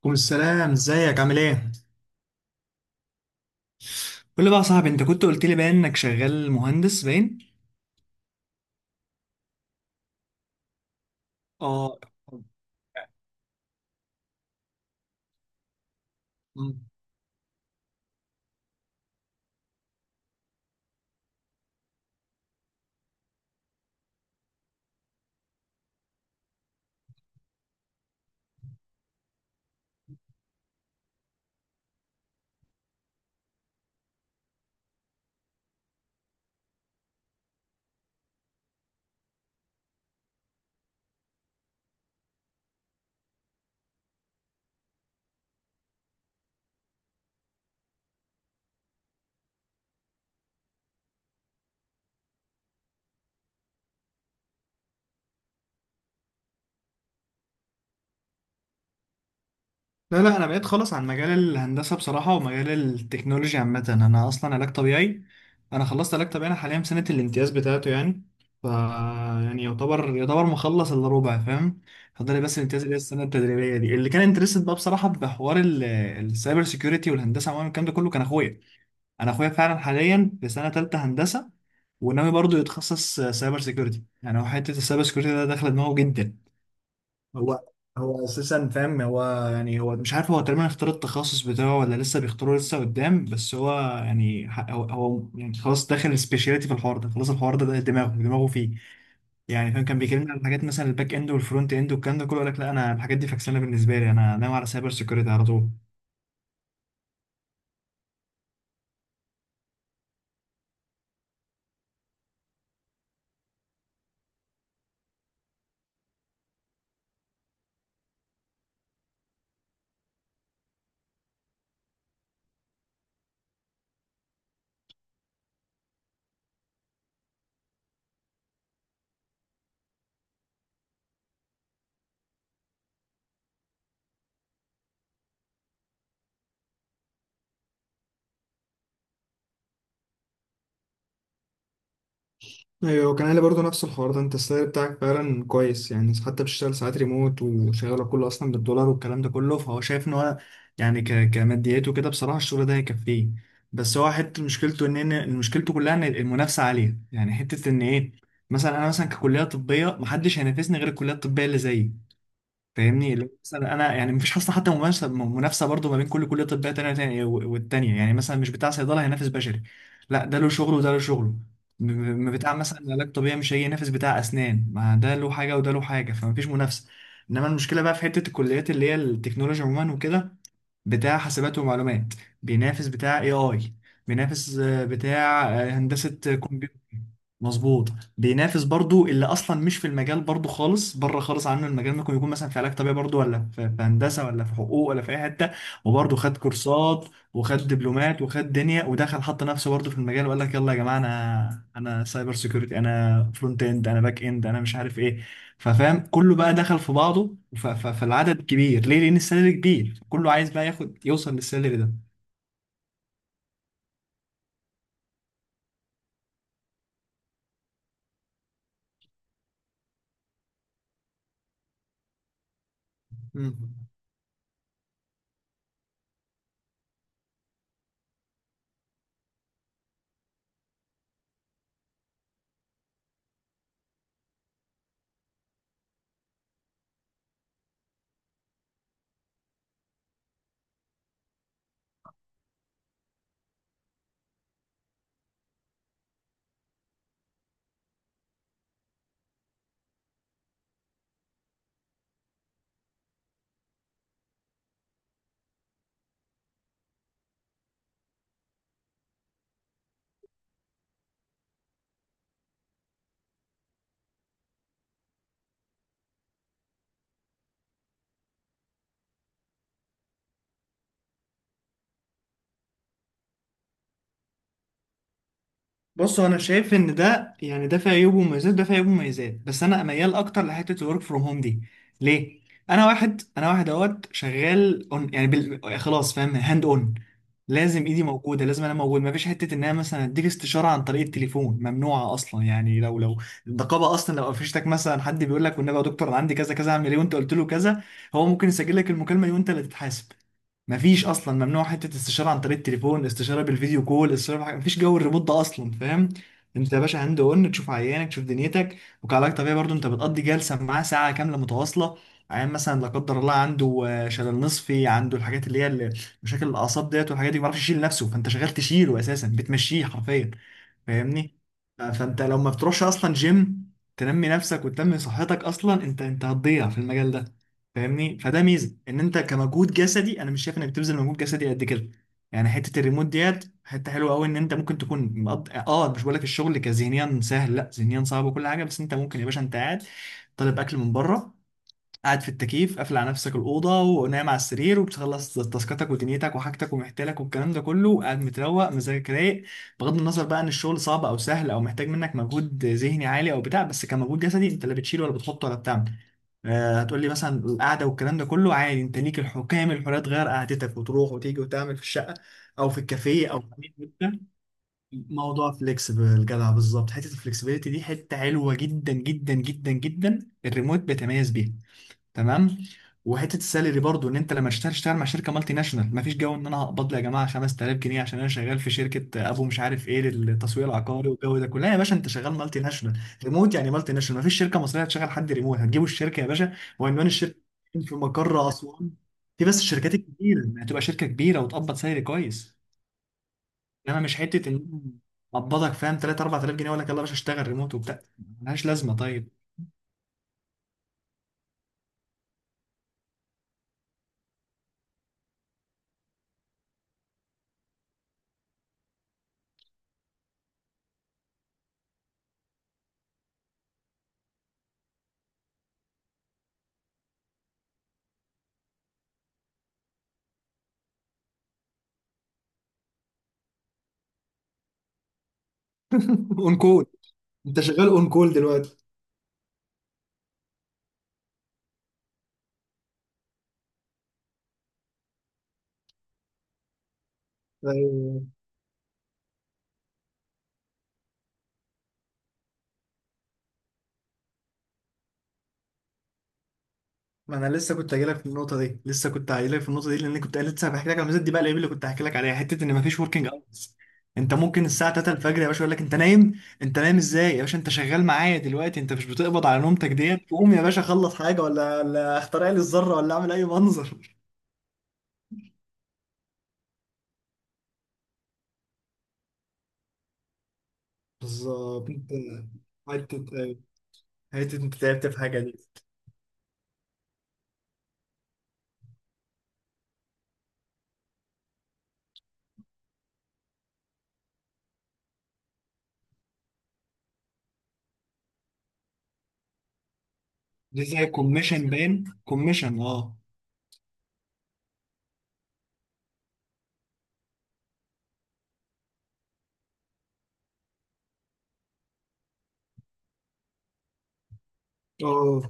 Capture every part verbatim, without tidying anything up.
كل السلام، ازيك؟ عامل ايه؟ قول لي بقى يا صاحبي، انت كنت قلت لي باين انك شغال مهندس باين. اه. مم. لا لا، انا بقيت خالص عن مجال الهندسه بصراحه، ومجال التكنولوجيا عامه. انا اصلا علاج طبيعي، انا خلصت علاج طبيعي، انا حاليا في سنه الامتياز بتاعته يعني. ف يعني يعتبر يعتبر مخلص الا ربع، فاهم؟ فاضل لي بس الامتياز اللي هي السنه التدريبيه دي. اللي كان انترست بقى بصراحه بحوار ال- السايبر سيكيورتي والهندسه عموما الكلام ده كله، كان اخويا. انا اخويا فعلا حاليا في سنه تالتة هندسه، وناوي برضه يتخصص سايبر سيكيورتي. يعني هو حته السايبر سيكيورتي ده داخله دماغه جدا. هو هو اساسا فاهم. هو يعني هو مش عارف، هو تقريبا اختار التخصص بتاعه ولا لسه بيختاره لسه قدام، بس هو يعني ح- هو, هو يعني خلاص داخل سبيشاليتي في الحوار ده. خلاص الحوار ده, ده دماغه دماغه فيه يعني، فاهم؟ كان بيكلمني على الحاجات مثلا الباك اند والفرونت اند والكلام ده كله، يقول لك لا انا الحاجات دي فاكسانه بالنسبه لي، انا ناوي على سايبر سيكيورتي على طول. ايوه، كان قال لي برضه نفس الحوار ده، انت السعر بتاعك فعلا كويس يعني، حتى بتشتغل ساعات ريموت وشغاله كله اصلا بالدولار والكلام ده كله. فهو شايف ان هو يعني ك... كماديات وكده بصراحه الشغل ده هيكفيه. بس هو حته مشكلته ان ان مشكلته كلها ان المنافسه عاليه يعني، حته ان ايه، مثلا انا مثلا ككليه طبيه محدش هينافسني غير الكليه الطبيه اللي زيي. فاهمني؟ اللي هو مثلا انا يعني مفيش اصلا حتى منافسه منافسه برضه ما بين كل كليه طبيه تانيه تانية والتانيه يعني. مثلا مش بتاع صيدله هينافس بشري، لا ده له شغله وده له شغله. م- م- بتاع مثلا علاج طبيعي مش هيجي ينافس بتاع اسنان، ما ده له حاجه وده له حاجه، فمفيش منافسه. انما المشكله بقى في حته الكليات اللي هي التكنولوجيا عموما وكده، بتاع حاسبات ومعلومات بينافس بتاع اي اي بينافس آه، بتاع آه، هندسة كمبيوتر، مظبوط. بينافس برضو اللي اصلا مش في المجال برضو خالص، بره خالص عنه المجال، ممكن يكون مثلا في علاج طبيعي برضو، ولا في في هندسه، ولا في حقوق، ولا في اي حته. وبرضو خد كورسات وخد دبلومات وخد دنيا ودخل حط نفسه برضو في المجال، وقال لك يلا يا جماعه انا انا سايبر سيكيورتي، انا فرونت اند، انا باك اند، انا مش عارف ايه. ففاهم، كله بقى دخل في بعضه. ف- ف- فالعدد كبير ليه؟ لان السلالم كبير، كله عايز بقى ياخد يوصل للسلالم ده. مم. بص، انا شايف ان ده يعني، ده فيه عيوب ومميزات، ده فيه عيوب ومميزات، بس انا ميال اكتر لحته الورك فروم هوم دي. ليه؟ انا واحد، انا واحد اهوت، شغال اون يعني بال... خلاص فاهم، هاند اون. لازم ايدي موجوده، لازم انا موجود. مفيش حته ان انا مثلا اديك استشاره عن طريق التليفون، ممنوعه اصلا يعني. لو لو النقابه اصلا لو قفشتك، مثلا حد بيقول لك والنبي يا دكتور انا عندي كذا كذا اعمل ايه، وانت قلت له كذا، هو ممكن يسجل لك المكالمه دي وانت اللي تتحاسب. مفيش اصلا، ممنوع حته استشاره عن طريق التليفون، استشاره بالفيديو كول، استشاره بحاجة. مفيش جو الريموت ده اصلا، فاهم؟ انت يا باشا هاند اون، تشوف عيانك، تشوف دنيتك. وكعلاج طبيعي برضو انت بتقضي جلسه معاه ساعه كامله متواصله. عيان مثلا لا قدر الله عنده آه، شلل نصفي، عنده الحاجات اللي هي ال- مشاكل الاعصاب ديت والحاجات دي، ما بيعرفش يشيل نفسه، فانت شغال تشيله اساسا، بتمشيه حرفيا. فاهمني؟ آه، فانت لو ما بتروحش اصلا جيم تنمي نفسك وتنمي صحتك اصلا، انت انت هتضيع في المجال ده. فاهمني؟ فده ميزه، ان انت كمجهود جسدي انا مش شايف انك بتبذل مجهود جسدي قد كده. يعني حته الريموت ديت حته حلوه قوي، ان انت ممكن تكون مقض... اه مش بقول لك الشغل كذهنيا سهل، لا ذهنيا صعب وكل حاجه، بس انت ممكن يا باشا انت قاعد طالب اكل من بره، قاعد في التكييف، قافل على نفسك الأوضة، ونايم على السرير، وبتخلص تاسكاتك ودنيتك وحاجتك ومحتلك والكلام ده كله، وقاعد متروق، مزاجك رايق. بغض النظر بقى إن الشغل صعب أو سهل أو محتاج منك مجهود ذهني عالي أو بتاع، بس كمجهود جسدي أنت لا بتشيل ولا بتحط ولا بتعمل. آه هتقول لي مثلا القعدة والكلام ده كله، عادي، أنت ليك الحكام كامل الحرية تغير قعدتك وتروح وتيجي وتعمل في الشقة، أو في الكافيه، أو في أي حتة. موضوع فليكسبل جدع بالظبط، حته الفلكسبيليتي دي حته حلوه جدا جدا جدا جدا، الريموت بيتميز بيها. تمام. وحته السالري برضو، ان انت لما اشتغل، اشتغل مع شركه مالتي ناشونال، مفيش جو ان انا هقبض لي يا جماعه خمسة آلاف جنيه عشان انا شغال في شركه ابو مش عارف ايه للتسويق العقاري والجو ده كله. لا يا باشا، انت شغال مالتي ناشونال، ريموت يعني، مالتي ناشونال. مفيش شركه مصريه هتشغل حد ريموت، هتجيبوا الشركه يا باشا وعنوان الشركه في مقر اسوان. في بس الشركات الكبيره يعني، هتبقى شركه كبيره وتقبض سالري كويس. انما مش حته ان اقبضك، فاهم، تلاته اربعة آلاف جنيه ولا يلا يا باشا اشتغل ريموت وبتاع، ملهاش لازمه. طيب. اون كول. انت شغال اون كول دلوقتي؟ ما انا لسه كنت هجيلك في النقطه دي، لسه كنت هجيلك في النقطه دي، لان كنت لسه بحكي لك على الميزات دي. بقى العيب اللي كنت هحكي لك عليها، حته ان مفيش وركينج اورز. انت ممكن الساعه تلاته الفجر يا باشا يقول لك انت نايم. انت نايم ازاي يا باشا؟ انت شغال معايا دلوقتي، انت مش بتقبض على نومتك ديت، قوم يا باشا خلص حاجه، ولا ولا اخترع لي الذره، ولا اعمل اي منظر. بالظبط، انت حته، حته انت تعبت في حاجه دي؟ دي زي كوميشن، باين كوميشن، اه. اه.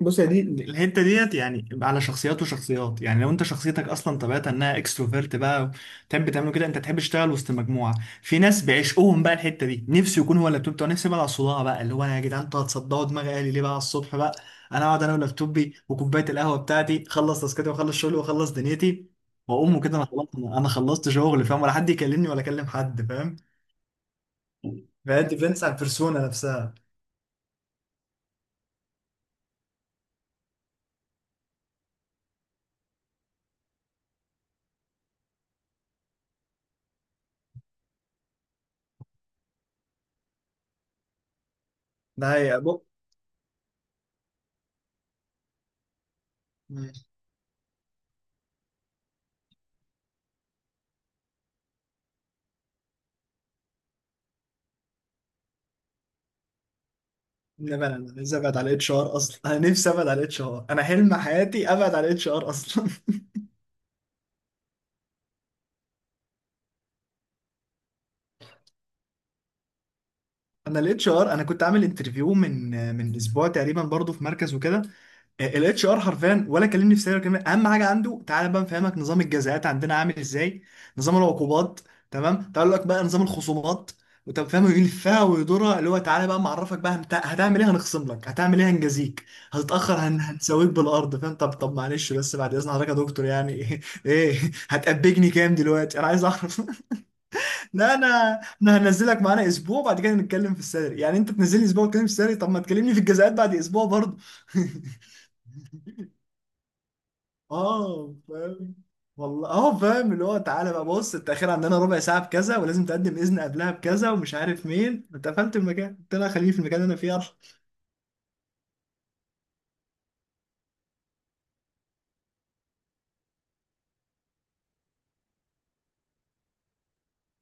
بص يا، دي دي- الحته ديت يعني على شخصيات وشخصيات يعني. لو انت شخصيتك اصلا طبيعتها انها اكستروفيرت بقى، تحب تعمله كده، انت تحب تشتغل وسط مجموعه، في ناس بيعشقوهم بقى الحته دي، نفسي يكون هو اللابتوب بتاعه. نفسي بقى على الصداع بقى، اللي هو انا يا جدعان انتوا هتصدعوا دماغي، قالي ليه بقى على الصبح بقى. انا اقعد انا ولابتوبي وكوبايه القهوه بتاعتي، اخلص تاسكاتي واخلص شغلي واخلص دنيتي، واقوم كده انا خلاص، انا أنا خلصت شغل، فاهم؟ ولا حد يكلمني ولا اكلم حد، فاهم؟ فهي ديبينس على البيرسونا نفسها. ده هي. لا انا نفسي ابعد على الاتش ار اصلا، انا نفسي ابعد على الاتش ار، انا حلم حياتي ابعد على الاتش ار اصلا. انا الاتش ار، انا كنت عامل انترفيو من من اسبوع تقريبا برضو، في مركز وكده. الاتش ار حرفيا ولا كلمني في سيرة كلمه، اهم حاجه عنده تعالى بقى نفهمك نظام الجزاءات عندنا عامل ازاي، نظام العقوبات، تمام، تعال لك بقى نظام الخصومات. وطب فاهم يلفها ويدورها، اللي هو تعالى بقى معرفك بقى هنت- هتعمل ايه هنخصم لك، هتعمل ايه هنجازيك، هتتاخر هن... هنسويك بالارض، فاهم؟ طب طب معلش بس بعد اذن حضرتك يا دكتور يعني، ايه؟ ايه؟ هتأبجني كام دلوقتي انا عايز اعرف؟ لا انا، انا هنزلك معانا اسبوع بعد كده نتكلم في السالري يعني، انت تنزلني اسبوع وتتكلم في السالري؟ طب ما تكلمني في الجزاءات بعد اسبوع برضه. اه فاهم، والله اه فاهم. اللي هو تعالى بقى بص التأخير عندنا ربع ساعة بكذا، ولازم تقدم إذن قبلها بكذا ومش عارف مين، انت قفلت المكان، قلت لها خليني في المكان اللي انا فيه.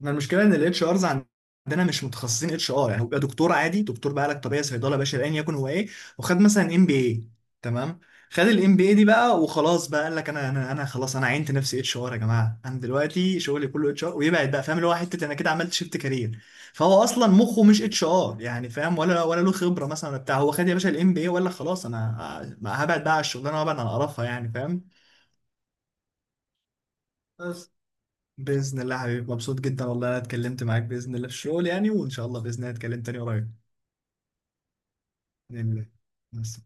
احنا المشكله ان الاتش ارز عندنا مش متخصصين اتش ار يعني، هو بيبقى دكتور عادي، دكتور بقى علاج طبيعي، صيدله، باشا ايا يكن هو ايه. وخد مثلا ام بي اي، تمام، خد الام بي اي دي بقى وخلاص بقى، قال لك انا انا انا خلاص انا عينت نفسي اتش ار يا جماعه، انا دلوقتي شغلي كله اتش ار، ويبعد بقى، فاهم؟ اللي هو حته انا كده عملت شيفت كارير. فهو اصلا مخه مش اتش ار يعني، فاهم؟ ولا ولا له خبره مثلا ولا بتاع، هو خد يا باشا الام بي اي ولا خلاص، انا هبعد بقى على الشغلانه وابعد عن قرفها يعني، فاهم؟ بس. باذن الله حبيبي، مبسوط جدا والله انا اتكلمت معاك، باذن الله في الشغل يعني، وان شاء الله باذن الله اتكلم تاني قريب. باذن الله. بس.